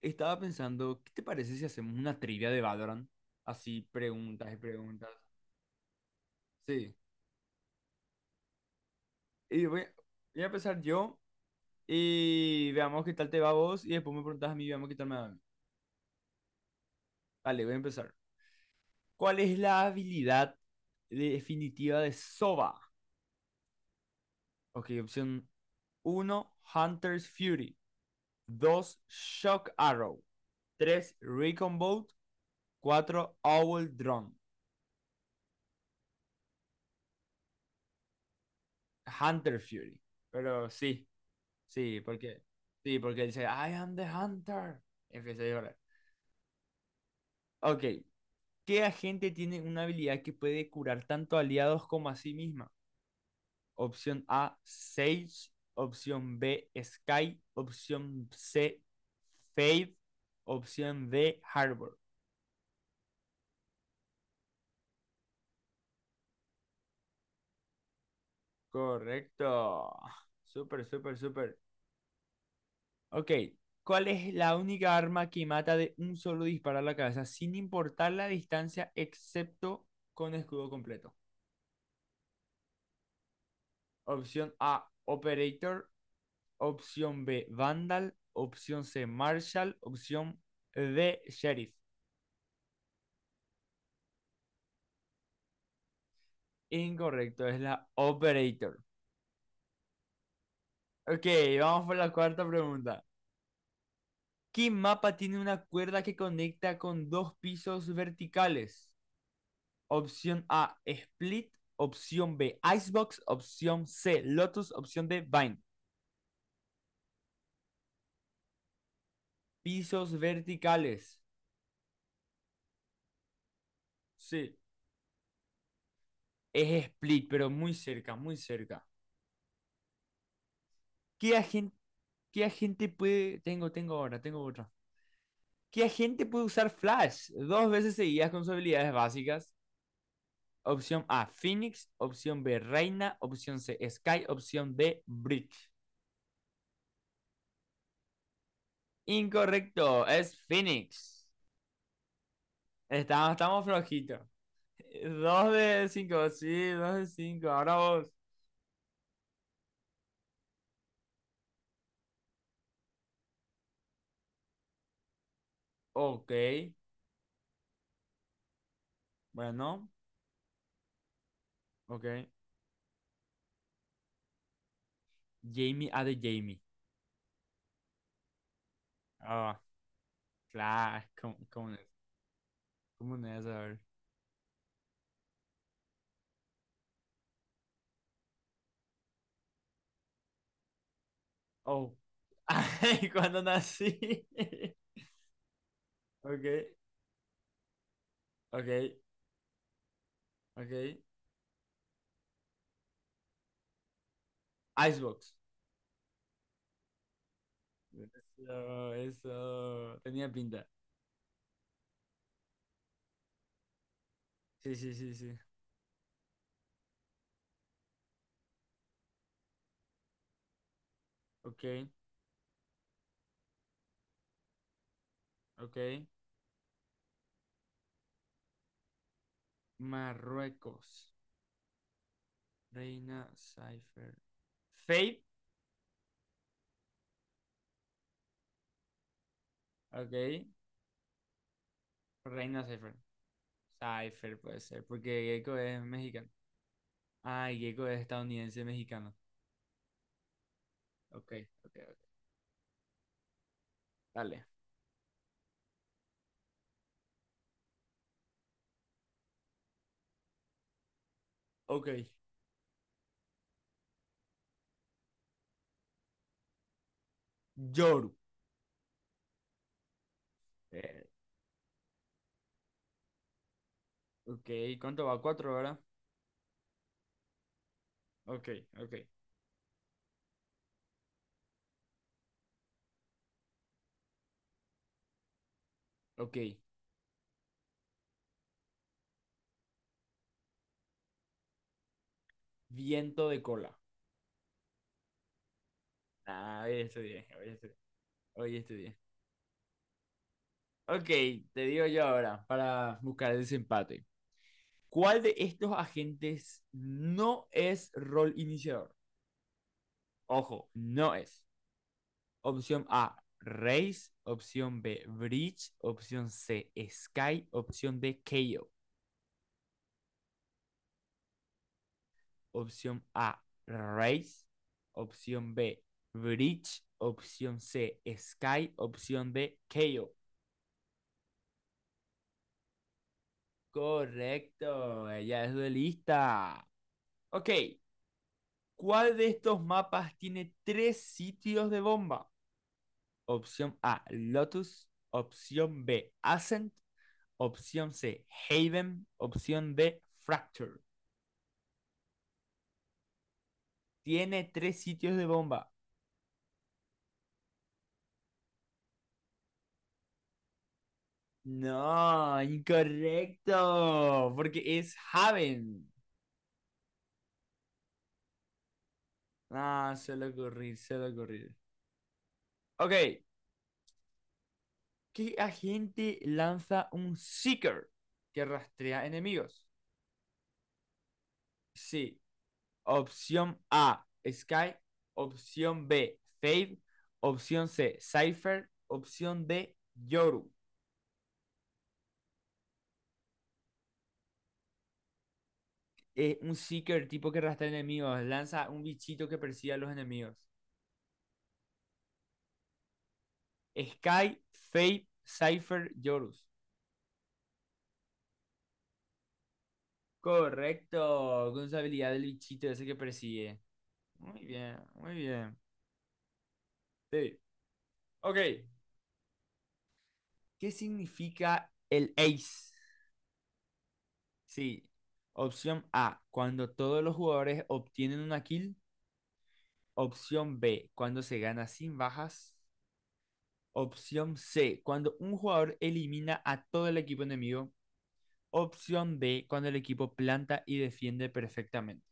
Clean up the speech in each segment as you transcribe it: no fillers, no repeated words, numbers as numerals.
Estaba pensando, ¿qué te parece si hacemos una trivia de Valorant? Así, preguntas y preguntas. Sí. Y voy, voy a empezar yo y veamos qué tal te va a vos y después me preguntas a mí y veamos qué tal me va a mí. Vale, voy a empezar. ¿Cuál es la habilidad definitiva de Sova? Ok, opción uno Hunter's Fury. Dos Shock Arrow. Tres Recon Bolt. Cuatro Owl Drone. Hunter Fury. Pero sí. Sí, porque, sí, porque él dice, I am the hunter. Empieza a llorar. Ok. ¿Qué agente tiene una habilidad que puede curar tanto aliados como a sí misma? Opción A, Sage. Opción B, Sky. Opción C, Faith. Opción D, Harbor. Correcto. Súper, súper, súper. Ok. ¿Cuál es la única arma que mata de un solo disparo a la cabeza sin importar la distancia excepto con escudo completo? Opción A, Operator. Opción B, Vandal. Opción C, Marshall. Opción D, Sheriff. Incorrecto, es la Operator. Ok, vamos por la cuarta pregunta. ¿Qué mapa tiene una cuerda que conecta con dos pisos verticales? Opción A, Split. Opción B, Icebox. Opción C, Lotus. Opción D, Vine. Pisos verticales. Sí, es Split, pero muy cerca, muy cerca. ¿Qué agente, qué agente puede... Tengo ahora, tengo otra. ¿Qué agente puede usar Flash dos veces seguidas con sus habilidades básicas? Opción A, Phoenix. Opción B, Reina. Opción C, Sky. Opción D, Bridge. Incorrecto, es Phoenix. Estamos flojitos. Dos de 5 sí, 2 de cinco. Ahora vos. Ok, bueno, ok. Jamie, A de Jamie. Ah, oh, claro, ¿cómo, cómo no es? ¿Cómo no es? A ver. Oh. Ay, cuando nací. Ok, ok, ok. Icebox. Eso, eso. Tenía pinta. Sí, sí, sí, sí. Ok, ok. Marruecos. Reina Cypher. Fate. Ok. Reina Cypher. Cypher puede ser, porque Gecko es mexicano. Ah, y Gecko es estadounidense mexicano. Ok, ok, ok. Dale. Ok. Yoru. Eh, ok, ¿cuánto va? Cuatro, ¿verdad? Ok, ok. Ok, viento de cola. Ah, hoy estudié, hoy estudié, hoy estudié. Ok, te digo yo ahora para buscar el desempate. ¿Cuál de estos agentes no es rol iniciador? Ojo, no es. Opción A, Race. Opción B, Bridge. Opción C, Sky. Opción D, KO. Opción A, Race. Opción B, Bridge. Opción C, Sky. Opción D, KO. Correcto, ella es duelista. Ok, ¿cuál de estos mapas tiene tres sitios de bomba? Opción A, Lotus. Opción B, Ascent. Opción C, Haven. Opción D, Fracture. Tiene tres sitios de bomba. No, incorrecto, porque es Haven. Ah, suele ocurrir, suele ocurrir. Ok, ¿qué agente lanza un Seeker que rastrea enemigos? Sí. Opción A, Sky. Opción B, Fade. Opción C, Cypher. Opción D, Yoru. Es un Seeker tipo que arrastra enemigos. Lanza un bichito que persigue a los enemigos. Sky, Fade, Cypher, Yorus. Correcto. Con su habilidad del bichito ese que persigue. Muy bien, muy bien. Sí. Ok. ¿Qué significa el ace? Sí. Opción A, cuando todos los jugadores obtienen una kill. Opción B, cuando se gana sin bajas. Opción C, cuando un jugador elimina a todo el equipo enemigo. Opción D, cuando el equipo planta y defiende perfectamente.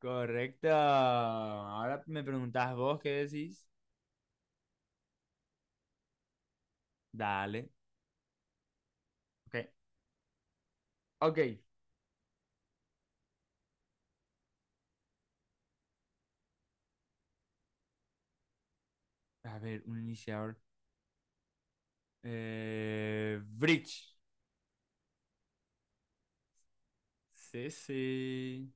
Correcto. Ahora me preguntás vos qué decís. Dale. Ok. Ok. A ver, un iniciador. Bridge. Sí, sí.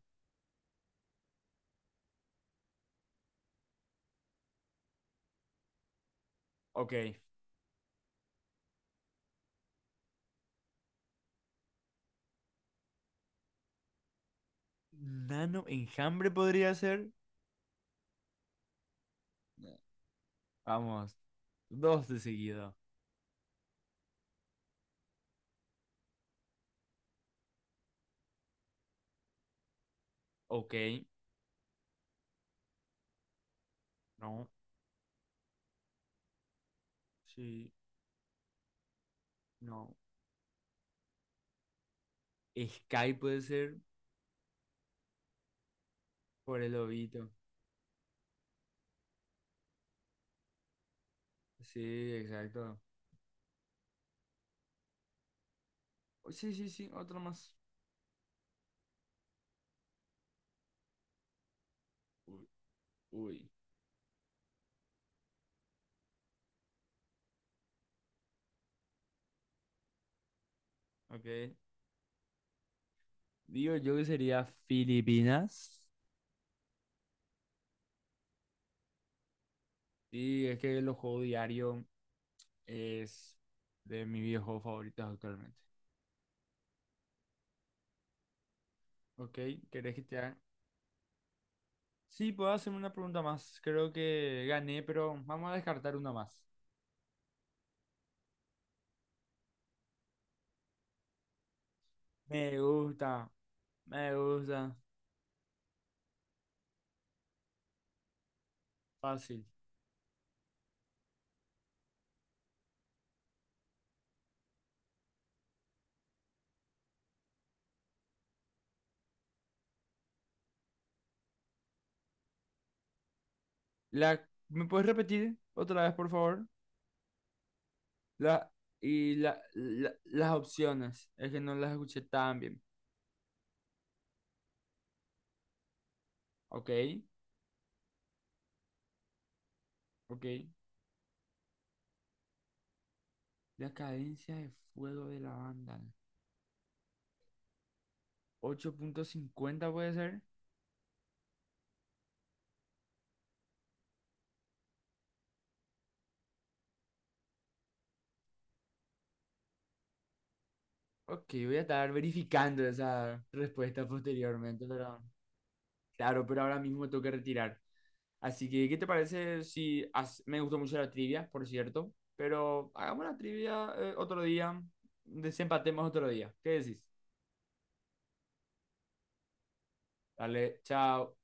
Ok. Nano enjambre podría ser. Vamos. Dos de seguido. Ok. No. Sí, no. Sky puede ser por el lobito. Sí, exacto. Oh, sí, sí, sí, otro más. Uy, uy. Ok. Digo yo que sería Filipinas. Sí, es que los juegos diarios es de mis videojuegos favoritos actualmente. Ok, ¿querés que te haga? Sí, puedo hacerme una pregunta más. Creo que gané, pero vamos a descartar una más. Me gusta, me gusta. Fácil. La... ¿Me puedes repetir otra vez, por favor? La, y las opciones, es que no las escuché tan bien. Ok, ok. La cadencia de fuego de la banda. Ocho punto cincuenta puede ser. Ok, voy a estar verificando esa respuesta posteriormente, pero claro, pero ahora mismo me tengo que retirar. Así que, ¿qué te parece si me gustó mucho la trivia, por cierto? Pero hagamos la trivia otro día, desempatemos otro día. ¿Qué decís? Dale, chao.